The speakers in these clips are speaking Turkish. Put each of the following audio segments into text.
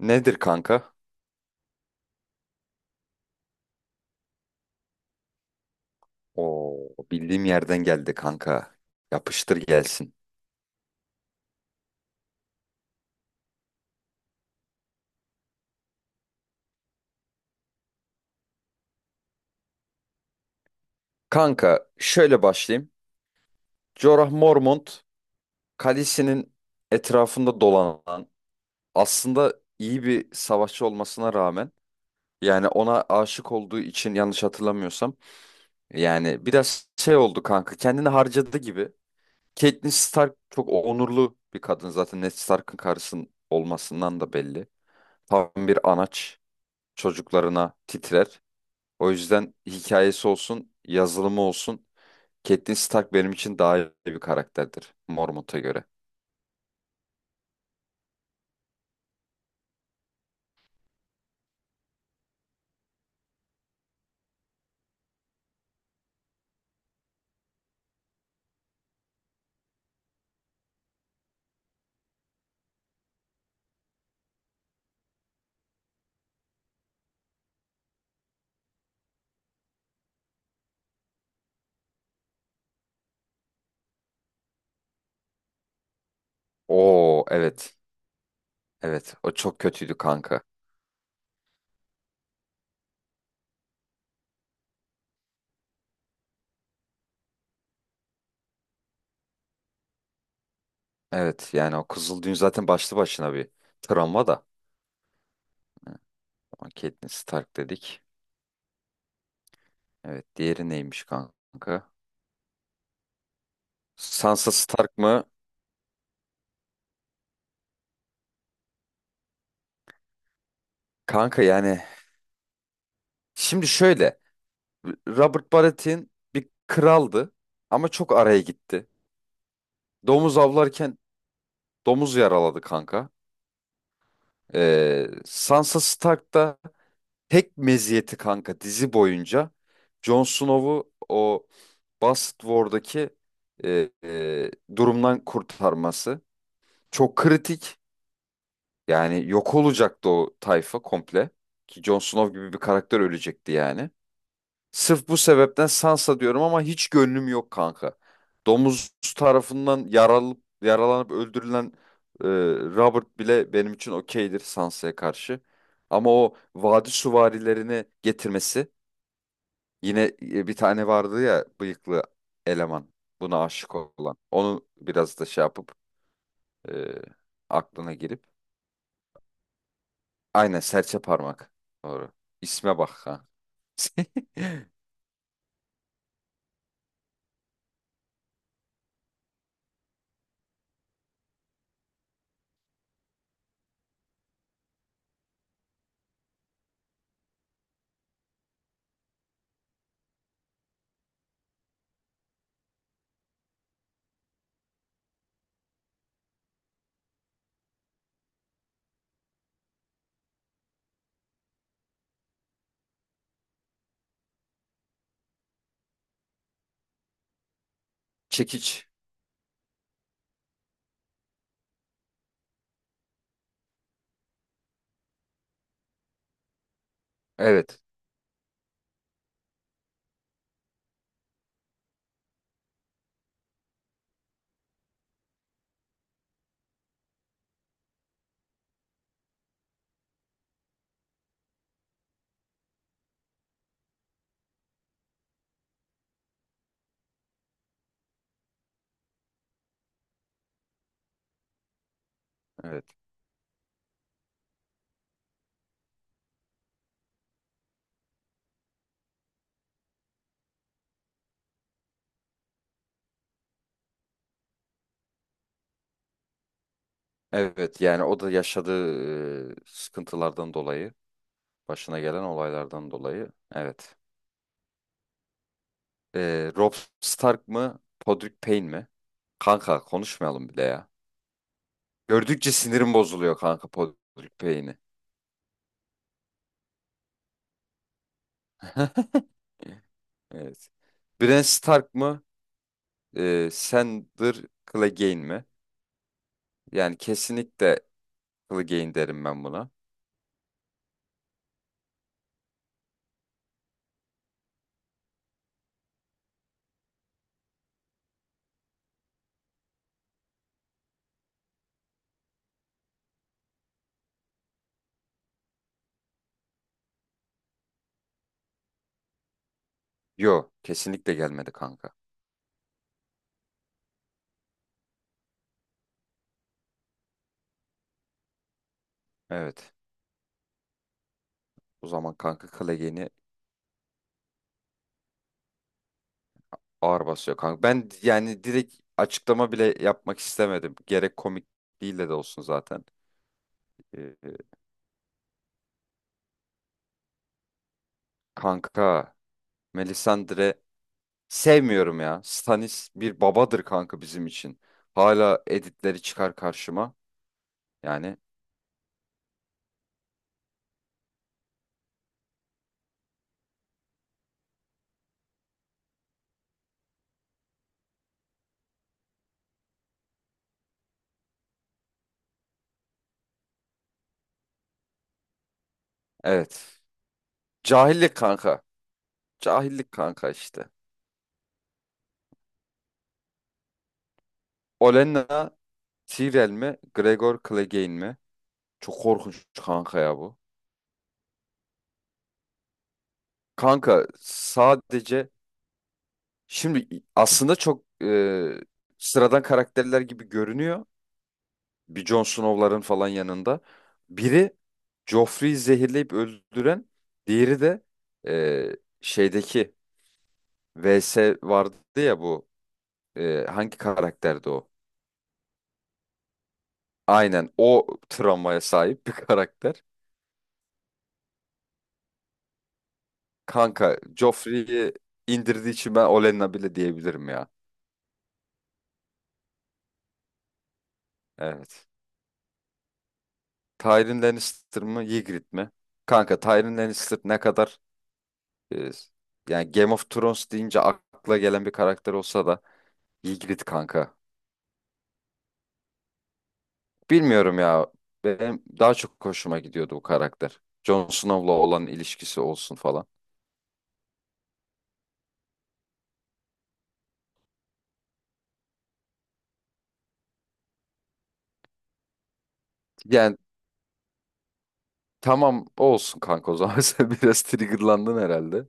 Nedir kanka? Oo, bildiğim yerden geldi kanka. Yapıştır gelsin. Kanka şöyle başlayayım. Jorah Mormont kalesinin etrafında dolanan aslında iyi bir savaşçı olmasına rağmen yani ona aşık olduğu için yanlış hatırlamıyorsam yani biraz şey oldu kanka kendini harcadı gibi. Catelyn Stark çok onurlu bir kadın zaten Ned Stark'ın karısının olmasından da belli. Tam bir anaç çocuklarına titrer. O yüzden hikayesi olsun, yazılımı olsun. Catelyn Stark benim için daha iyi bir karakterdir Mormont'a göre. Oo evet. Evet o çok kötüydü kanka. Evet yani o Kızıl zaten başlı başına bir travma da. Evet, ama Catelyn Stark dedik. Evet diğeri neymiş kanka? Sansa Stark mı? Kanka yani şimdi şöyle. Robert Baratheon bir kraldı ama çok araya gitti. Domuz avlarken domuz yaraladı kanka. Sansa Stark da tek meziyeti kanka dizi boyunca Jon Snow'u o Bastard War'daki e, e, durumdan kurtarması. Çok kritik. Yani yok olacaktı o tayfa komple. Ki Jon Snow gibi bir karakter ölecekti yani. Sırf bu sebepten Sansa diyorum ama hiç gönlüm yok kanka. Domuz tarafından yaralanıp, yaralanıp öldürülen e, Robert bile benim için okeydir Sansa'ya karşı. Ama o vadi süvarilerini getirmesi yine bir tane vardı ya bıyıklı eleman buna aşık olan. Onu biraz da şey yapıp e, aklına girip. Aynen serçe parmak. Doğru. İsme bak ha. Çekiç. Evet. Evet. Evet yani o da yaşadığı sıkıntılardan dolayı, başına gelen olaylardan dolayı. Evet. Robb Stark mı, Podrick Payne mi? Kanka konuşmayalım bile ya. Gördükçe sinirim bozuluyor kanka Podrick Payne'i. Evet. Bran Stark mı? Sandor Clegane mi? Yani kesinlikle Clegane derim ben buna. Yo, kesinlikle gelmedi kanka. Evet. O zaman kanka Clegane'i ağır basıyor kanka. Ben yani direkt açıklama bile yapmak istemedim. Gerek komikliğiyle de olsun zaten. Ee, kanka Melisandre sevmiyorum ya. Stannis bir babadır kanka bizim için. Hala editleri çıkar karşıma. Yani evet. Cahillik kanka. Cahillik kanka işte. Olenna Tyrell mi? Gregor Clegane mi? Çok korkunç kanka ya bu. Kanka sadece şimdi aslında çok sıradan karakterler gibi görünüyor. Bir Jon Snow'ların falan yanında. Biri Joffrey'i zehirleyip öldüren, diğeri de e, şeydeki VS vardı ya bu. Hangi karakterdi o? Aynen o travmaya sahip bir karakter. Kanka Joffrey'i indirdiği için ben Olenna bile diyebilirim ya. Evet. Tyrion Lannister mı Ygritte mi? Kanka Tyrion Lannister ne kadar e, yani Game of Thrones deyince akla gelen bir karakter olsa da Ygritte kanka. Bilmiyorum ya. Benim daha çok hoşuma gidiyordu bu karakter. Jon Snow'la olan ilişkisi olsun falan. Yani tamam olsun kanka o zaman sen biraz triggerlandın herhalde.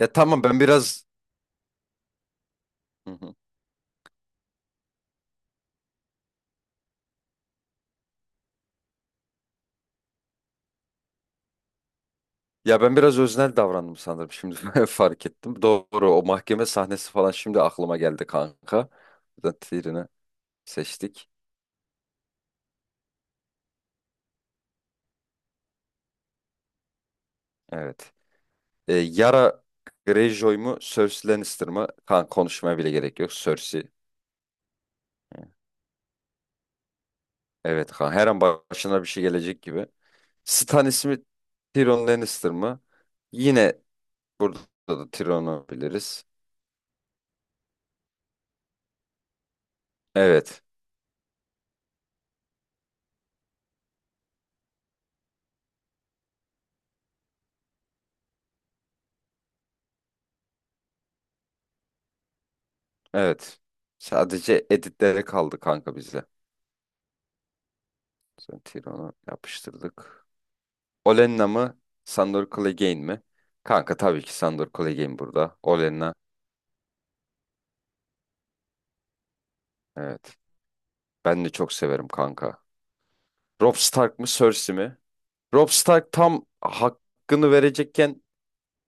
Ya tamam ben biraz... Hı hı. Ya ben biraz öznel davrandım sanırım şimdi fark ettim. Doğru o mahkeme sahnesi falan şimdi aklıma geldi kanka. Buradan Tyrion'u seçtik. Evet. Yara Greyjoy mu Cersei Lannister mı? Kanka konuşmaya bile gerek yok. Cersei. Evet kanka her an başına bir şey gelecek gibi. Stan ismi Tyrion Lannister mı? Yine burada da Tyrion'u biliriz. Evet. Evet. Sadece editlere kaldı kanka bize. Sen Tyrion'u yapıştırdık. Olenna mı? Sandor Clegane mi? Kanka tabii ki Sandor Clegane burada. Olenna. Evet. Ben de çok severim kanka. Robb Stark mı Cersei mi? Robb Stark tam hakkını verecekken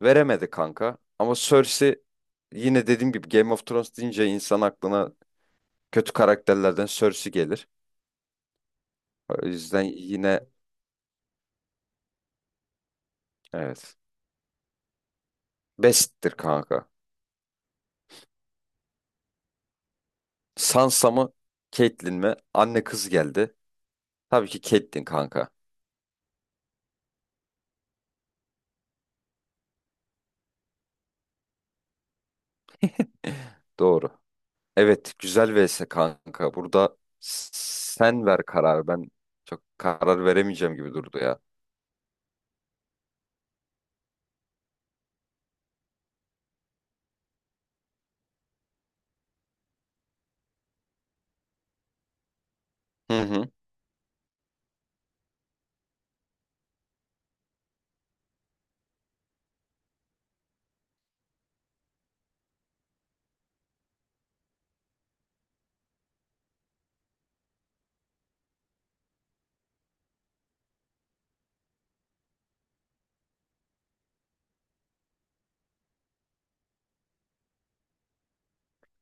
veremedi kanka. Ama Cersei yine dediğim gibi Game of Thrones deyince insan aklına kötü karakterlerden Cersei gelir. O yüzden yine evet. Best'tir kanka. Sansa mı? Caitlyn mi? Anne kız geldi. Tabii ki Caitlyn kanka. Doğru. Evet, güzel vs kanka. Burada sen ver karar. Ben çok karar veremeyeceğim gibi durdu ya. Hı hı.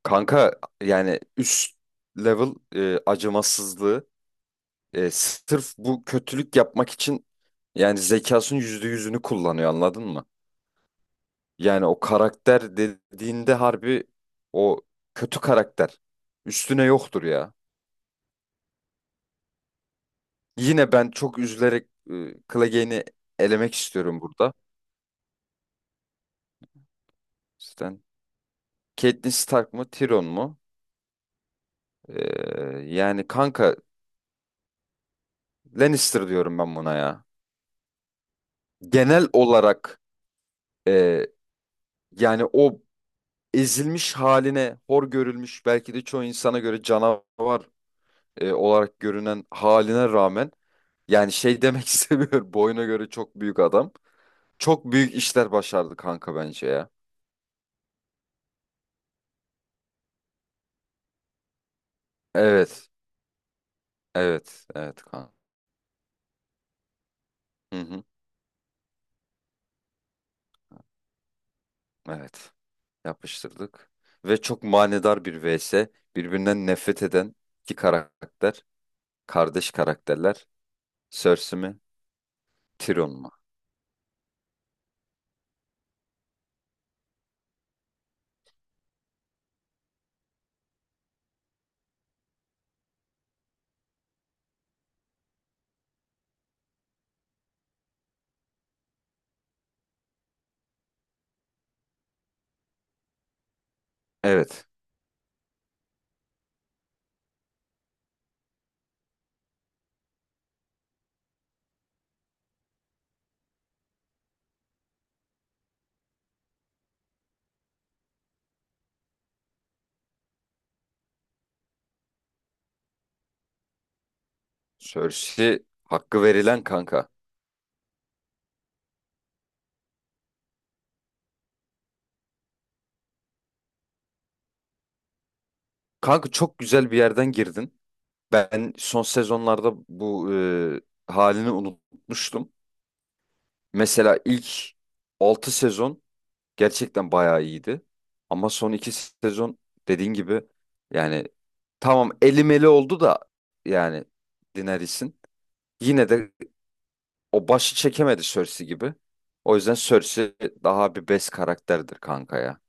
Kanka yani üst level acımasızlığı sırf bu kötülük yapmak için yani zekasının %100'ünü kullanıyor anladın mı? Yani o karakter dediğinde harbi o kötü karakter üstüne yoktur ya. Yine ben çok üzülerek Clegane'i elemek istiyorum burada. Catelyn Stark mı, Tyrion mu? Yani kanka Lannister diyorum ben buna ya. Genel olarak e, yani o ezilmiş haline, hor görülmüş belki de çoğu insana göre canavar olarak görünen haline rağmen yani şey demek istemiyorum. Boyuna göre çok büyük adam. Çok büyük işler başardı kanka bence ya. Evet. Evet. Evet kanka. Hı hı. Evet. Yapıştırdık. Ve çok manidar bir vs. Birbirinden nefret eden iki karakter. Kardeş karakterler. Cersei mi? Tyrion mu? Evet. Cersei hakkı verilen kanka. Kanka çok güzel bir yerden girdin. Ben son sezonlarda bu halini unutmuştum. Mesela ilk 6 sezon gerçekten bayağı iyiydi. Ama son 2 sezon dediğin gibi yani tamam elimeli oldu da yani Daenerys'in. Yine de o başı çekemedi Cersei gibi. O yüzden Cersei daha bir best karakterdir kanka ya.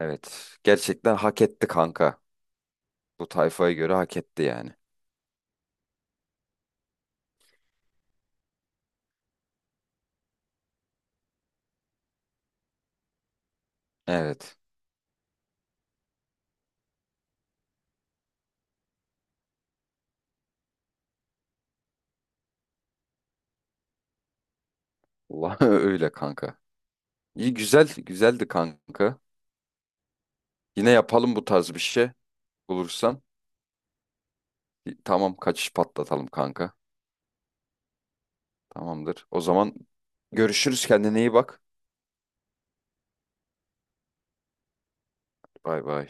Evet. Gerçekten hak etti kanka. Bu tayfaya göre hak etti yani. Evet. Vallahi öyle kanka. İyi güzel, güzeldi kanka. Yine yapalım bu tarz bir şey bulursan. Tamam kaçış patlatalım kanka. Tamamdır. O zaman görüşürüz kendine iyi bak. Bay bay.